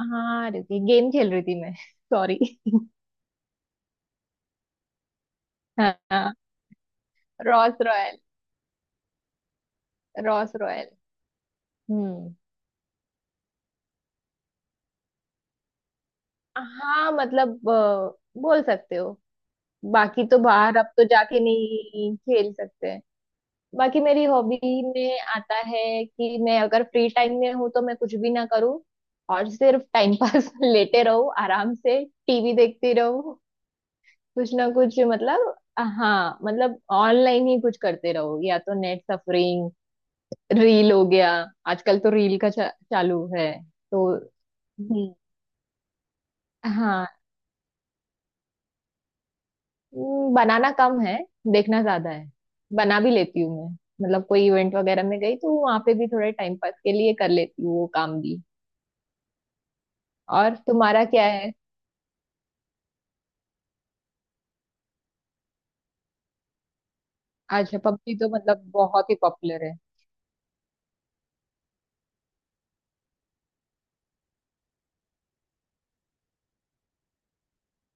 हाँ रुकी गेम खेल रही थी मैं सॉरी। हाँ। रॉस रॉयल। रॉस रॉयल। हम्म। हाँ मतलब बोल सकते हो। बाकी तो बाहर अब तो जाके नहीं खेल सकते हैं। बाकी मेरी हॉबी में आता है कि मैं अगर फ्री टाइम में हूँ तो मैं कुछ भी ना करूँ और सिर्फ टाइम पास लेटे रहूँ, आराम से टीवी देखती रहूँ, कुछ ना कुछ मतलब। हाँ मतलब ऑनलाइन ही कुछ करते रहो या तो नेट सफरिंग, रील हो गया। आजकल तो रील का चालू है तो। हम्म। हाँ। बनाना कम है, देखना ज्यादा है। बना भी लेती हूँ मैं, मतलब कोई इवेंट वगैरह में गई तो वहां पे भी थोड़े टाइम पास के लिए कर लेती हूँ वो काम भी। और तुम्हारा क्या है? अच्छा पबजी तो मतलब बहुत ही पॉपुलर है।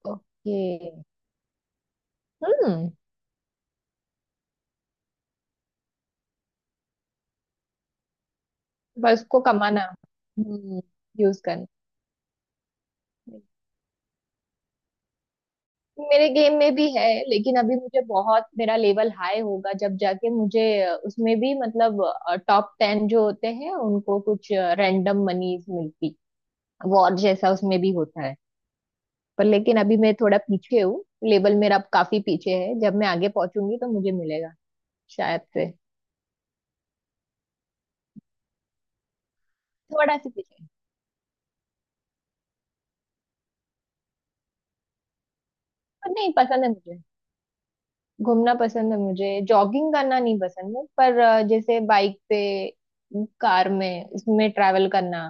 ओके। हम्म। बस को कमाना। हम्म। यूज करना। मेरे गेम में भी है लेकिन अभी मुझे बहुत, मेरा लेवल हाई होगा जब जाके मुझे उसमें भी मतलब टॉप टेन जो होते हैं उनको कुछ रैंडम मनीज मिलती, वॉर जैसा उसमें भी होता है। पर लेकिन अभी मैं थोड़ा पीछे हूँ, लेवल मेरा अब काफी पीछे है। जब मैं आगे पहुंचूंगी तो मुझे मिलेगा शायद से। थोड़ा सा पीछे। पर नहीं पसंद है मुझे, घूमना पसंद है मुझे, जॉगिंग करना नहीं पसंद है। पर जैसे बाइक पे, कार में, इसमें ट्रैवल करना,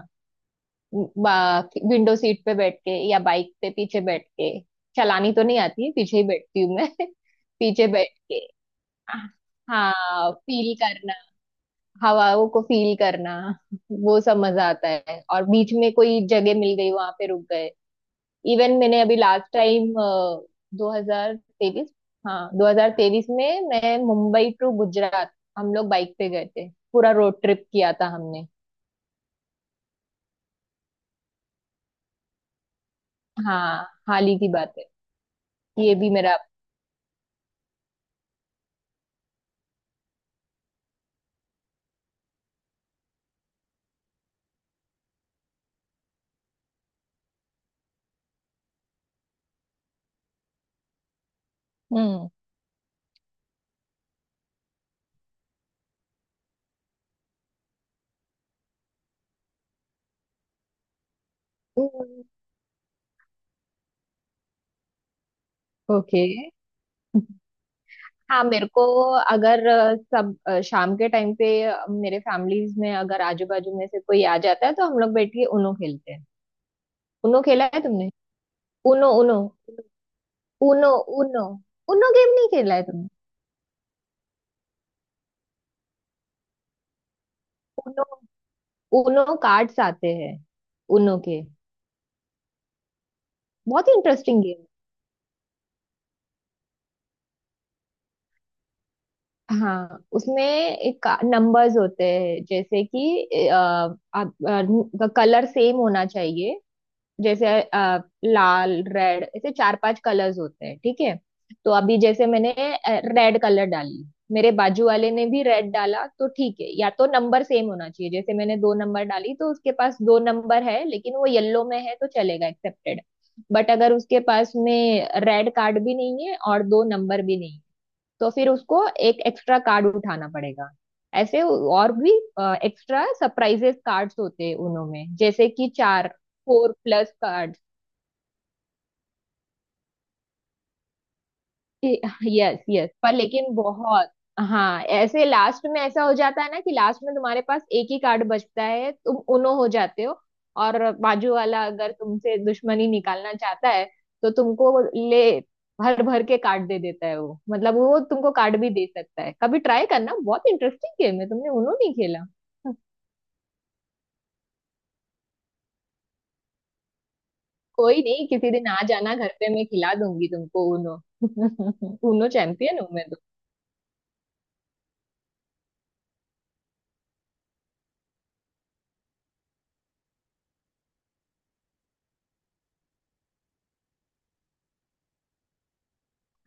विंडो सीट पे बैठ के या बाइक पे पीछे बैठ के। चलानी तो नहीं आती है, पीछे ही बैठती हूँ मैं पीछे बैठ के। हाँ फील करना, हवाओं को फील करना, वो सब मजा आता है। और बीच में कोई जगह मिल गई वहां पे रुक गए। इवन मैंने अभी लास्ट टाइम 2023, हाँ 2023 में मैं मुंबई टू गुजरात हम लोग बाइक पे गए थे। पूरा रोड ट्रिप किया था हमने। हाँ हाल ही की बात है। ये भी मेरा। हम्म। ओके। हाँ मेरे को अगर सब शाम के टाइम पे मेरे फैमिलीज में अगर आजू बाजू में से कोई आ जाता है तो हम लोग बैठ के उनो खेलते हैं। उनो खेला है तुमने? उनो उनो। उनो। उनो। उनो गेम नहीं खेला है तुमने? उनो। उनो कार्ड्स आते हैं उनो के, बहुत ही इंटरेस्टिंग गेम। हाँ उसमें एक नंबर्स होते हैं, जैसे कि आप कलर सेम होना चाहिए। जैसे लाल, रेड, ऐसे चार पांच कलर्स होते हैं ठीक है। तो अभी जैसे मैंने रेड कलर डाली, मेरे बाजू वाले ने भी रेड डाला तो ठीक है। या तो नंबर सेम होना चाहिए, जैसे मैंने दो नंबर डाली तो उसके पास दो नंबर है लेकिन वो येलो में है तो चलेगा, एक्सेप्टेड। बट अगर उसके पास में रेड कार्ड भी नहीं है और दो नंबर भी नहीं है, तो फिर उसको एक एक्स्ट्रा कार्ड उठाना पड़ेगा। ऐसे और भी एक्स्ट्रा सरप्राइजेस कार्ड्स होते हैं उनमें, जैसे कि चार, four plus card. Yes yes, पर लेकिन बहुत। हाँ ऐसे लास्ट में ऐसा हो जाता है ना कि लास्ट में तुम्हारे पास एक ही कार्ड बचता है, तुम उनो हो जाते हो। और बाजू वाला अगर तुमसे दुश्मनी निकालना चाहता है तो तुमको ले, भर भर के कार्ड दे देता है वो। मतलब वो तुमको कार्ड भी दे सकता है। कभी ट्राई करना, बहुत इंटरेस्टिंग गेम है। तुमने उनो नहीं खेला। कोई नहीं, किसी दिन आ जाना घर पे, मैं खिला दूंगी तुमको उनो। उनो चैंपियन हूँ।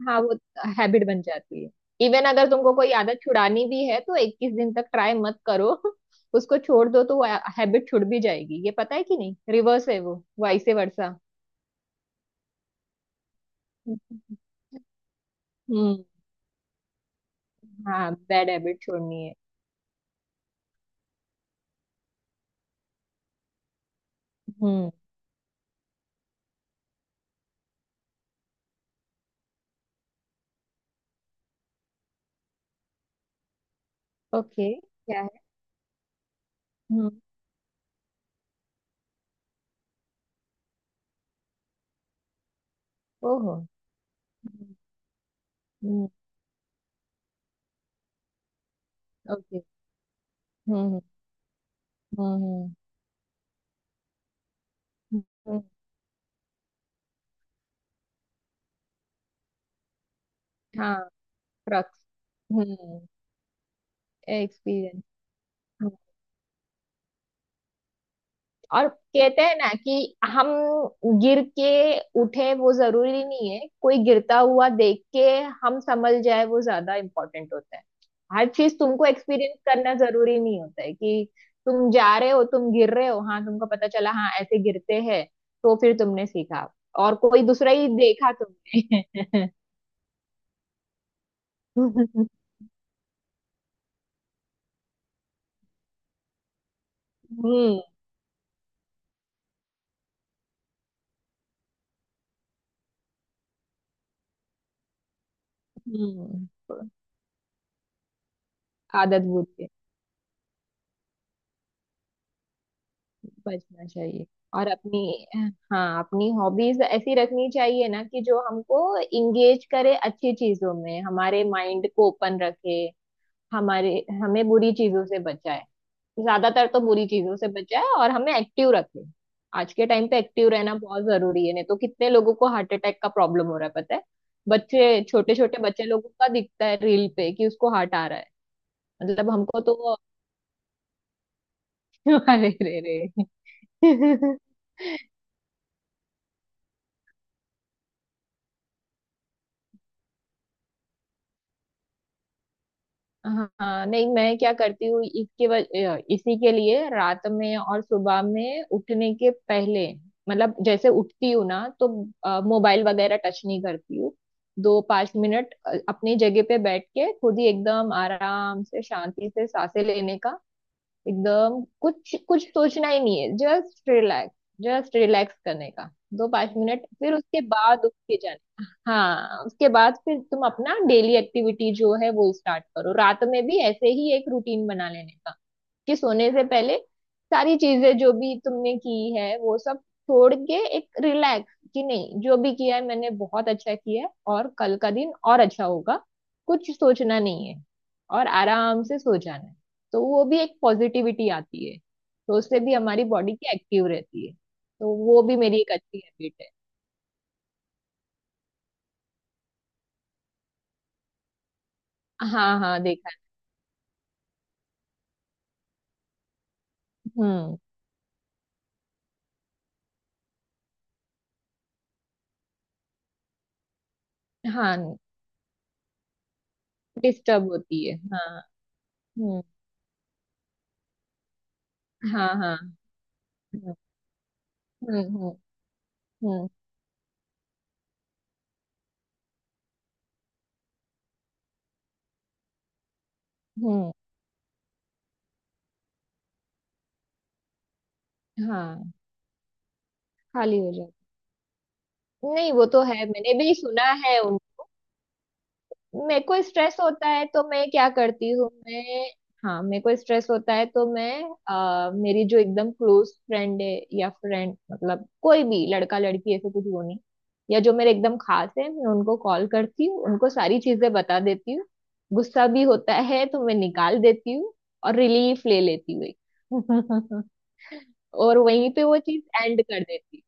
हाँ वो हैबिट बन जाती है। इवन अगर तुमको कोई आदत छुड़ानी भी है तो 21 दिन तक ट्राई मत करो। उसको छोड़ दो तो वो हैबिट छुड़ भी जाएगी। ये पता है कि नहीं, रिवर्स है वो, वाइसे वर्सा। हम्म। हाँ बैड हैबिट छोड़नी है। हम्म। ओके क्या है? हम्म। ओहो। हम्म। ओके। Okay, हम्म। हम्म, हम्म, हम्म, हाँ क्रक्स। हम्म। एक्सपीरियंस। और कहते हैं ना कि हम गिर के उठे वो जरूरी नहीं है। कोई गिरता हुआ देख के हम संभल जाए वो ज्यादा इम्पोर्टेंट होता है। हर चीज तुमको एक्सपीरियंस करना जरूरी नहीं होता है कि तुम जा रहे हो, तुम गिर रहे हो, हाँ तुमको पता चला हाँ ऐसे गिरते हैं तो फिर तुमने सीखा। और कोई दूसरा ही देखा तुमने हम्म। हम्म। आदत बुद्धि। बचना चाहिए और अपनी, हाँ अपनी हॉबीज ऐसी रखनी चाहिए ना कि जो हमको इंगेज करे अच्छी चीजों में, हमारे माइंड को ओपन रखे, हमारे, हमें बुरी चीजों से बचाए, ज्यादातर तो बुरी चीजों से बचाए और हमें एक्टिव रखे। आज के टाइम पे एक्टिव रहना बहुत जरूरी है, नहीं तो कितने लोगों को हार्ट अटैक का प्रॉब्लम हो रहा है पता है। बच्चे, छोटे छोटे बच्चे लोगों का दिखता है रील पे कि उसको हार्ट आ रहा है। मतलब हमको तो अरे रे रे हाँ हाँ, नहीं मैं क्या करती हूँ, इसके इसी के लिए रात में और सुबह में उठने के पहले, मतलब जैसे उठती हूँ ना तो मोबाइल वगैरह टच नहीं करती हूँ। दो पांच मिनट अपनी जगह पे बैठ के खुद ही एकदम आराम से शांति से सांसें लेने का, एकदम कुछ कुछ सोचना ही नहीं है, जस्ट रिलैक्स, जस्ट रिलैक्स करने का। दो पांच मिनट फिर उसके बाद उठ के जाने का। हाँ उसके बाद फिर तुम अपना डेली एक्टिविटी जो है वो स्टार्ट करो। रात में भी ऐसे ही एक रूटीन बना लेने का कि सोने से पहले सारी चीजें जो भी तुमने की है वो सब छोड़ के एक रिलैक्स, कि नहीं जो भी किया है मैंने बहुत अच्छा किया है और कल का दिन और अच्छा होगा, कुछ सोचना नहीं है और आराम से सो जाना है। तो वो भी एक पॉजिटिविटी आती है, तो उससे भी हमारी बॉडी की एक्टिव रहती है। तो वो भी मेरी एक अच्छी हैबिट है। हाँ हाँ देखा है। हम्म। हाँ, डिस्टर्ब होती है हाँ। हम्म। हाँ हाँ। हम्म हम्म। हम्म। हम्म। हम्म, हाँ खाली हो जाती। नहीं वो तो है, मैंने भी सुना है उन। मेरे को स्ट्रेस होता है तो मैं क्या करती हूँ, मैं, हाँ मेरे को स्ट्रेस होता है तो मैं मेरी जो एकदम क्लोज फ्रेंड है, या फ्रेंड मतलब कोई भी लड़का लड़की ऐसे कुछ वो नहीं, या जो मेरे एकदम खास है, मैं उनको कॉल करती हूँ, उनको सारी चीजें बता देती हूँ। गुस्सा भी होता है तो मैं निकाल देती हूँ और रिलीफ ले लेती हूँ एक। और वहीं पे वो चीज एंड कर देती हूँ।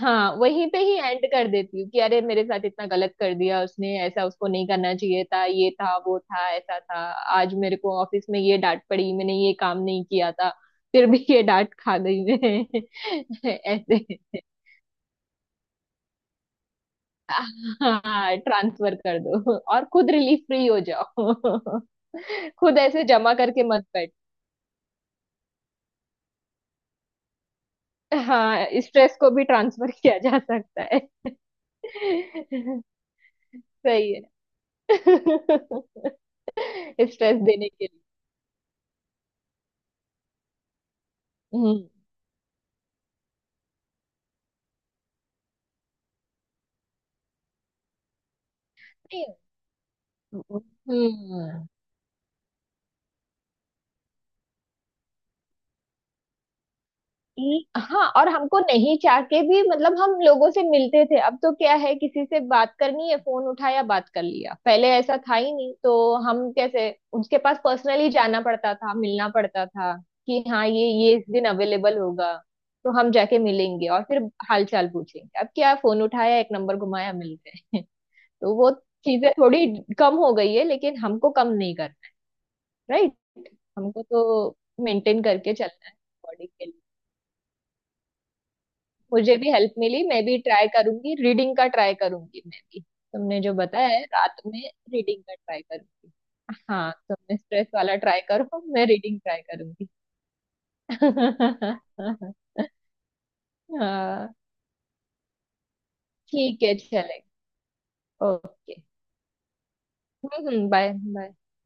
हाँ वहीं पे ही एंड कर देती हूँ कि अरे मेरे साथ इतना गलत कर दिया उसने, ऐसा उसको नहीं करना चाहिए था, ये था वो था ऐसा था, आज मेरे को ऑफिस में ये डांट पड़ी, मैंने ये काम नहीं किया था फिर भी ये डांट खा गई मैं ऐसे। हाँ ट्रांसफर कर दो और खुद रिलीफ फ्री हो जाओ। खुद ऐसे जमा करके मत बैठ। हाँ स्ट्रेस को भी ट्रांसफर किया जा सकता है सही है स्ट्रेस देने के लिए। हम्म। नहीं, हम्म। ई- हाँ, और हमको नहीं चाह के भी मतलब, हम लोगों से मिलते थे। अब तो क्या है, किसी से बात करनी है फोन उठाया बात कर लिया। पहले ऐसा था ही नहीं तो, हम कैसे, उसके पास पर्सनली जाना पड़ता था, मिलना पड़ता था कि हाँ ये इस दिन अवेलेबल होगा, तो हम जाके मिलेंगे और फिर हाल चाल पूछेंगे। अब क्या, फोन उठाया, एक नंबर घुमाया, मिल गए तो वो चीजें थोड़ी कम हो गई है, लेकिन हमको कम नहीं करना। राइट। हमको तो मेंटेन करके चलना है, बॉडी के लिए। मुझे भी हेल्प मिली, मैं भी ट्राई करूंगी, रीडिंग का ट्राई करूंगी मैं भी, तुमने जो बताया है रात में, रीडिंग का ट्राई करूंगी। हाँ तुमने स्ट्रेस वाला ट्राई करो, मैं रीडिंग ट्राई करूंगी हाँ ठीक है चलेगा। ओके। बाय। बाय।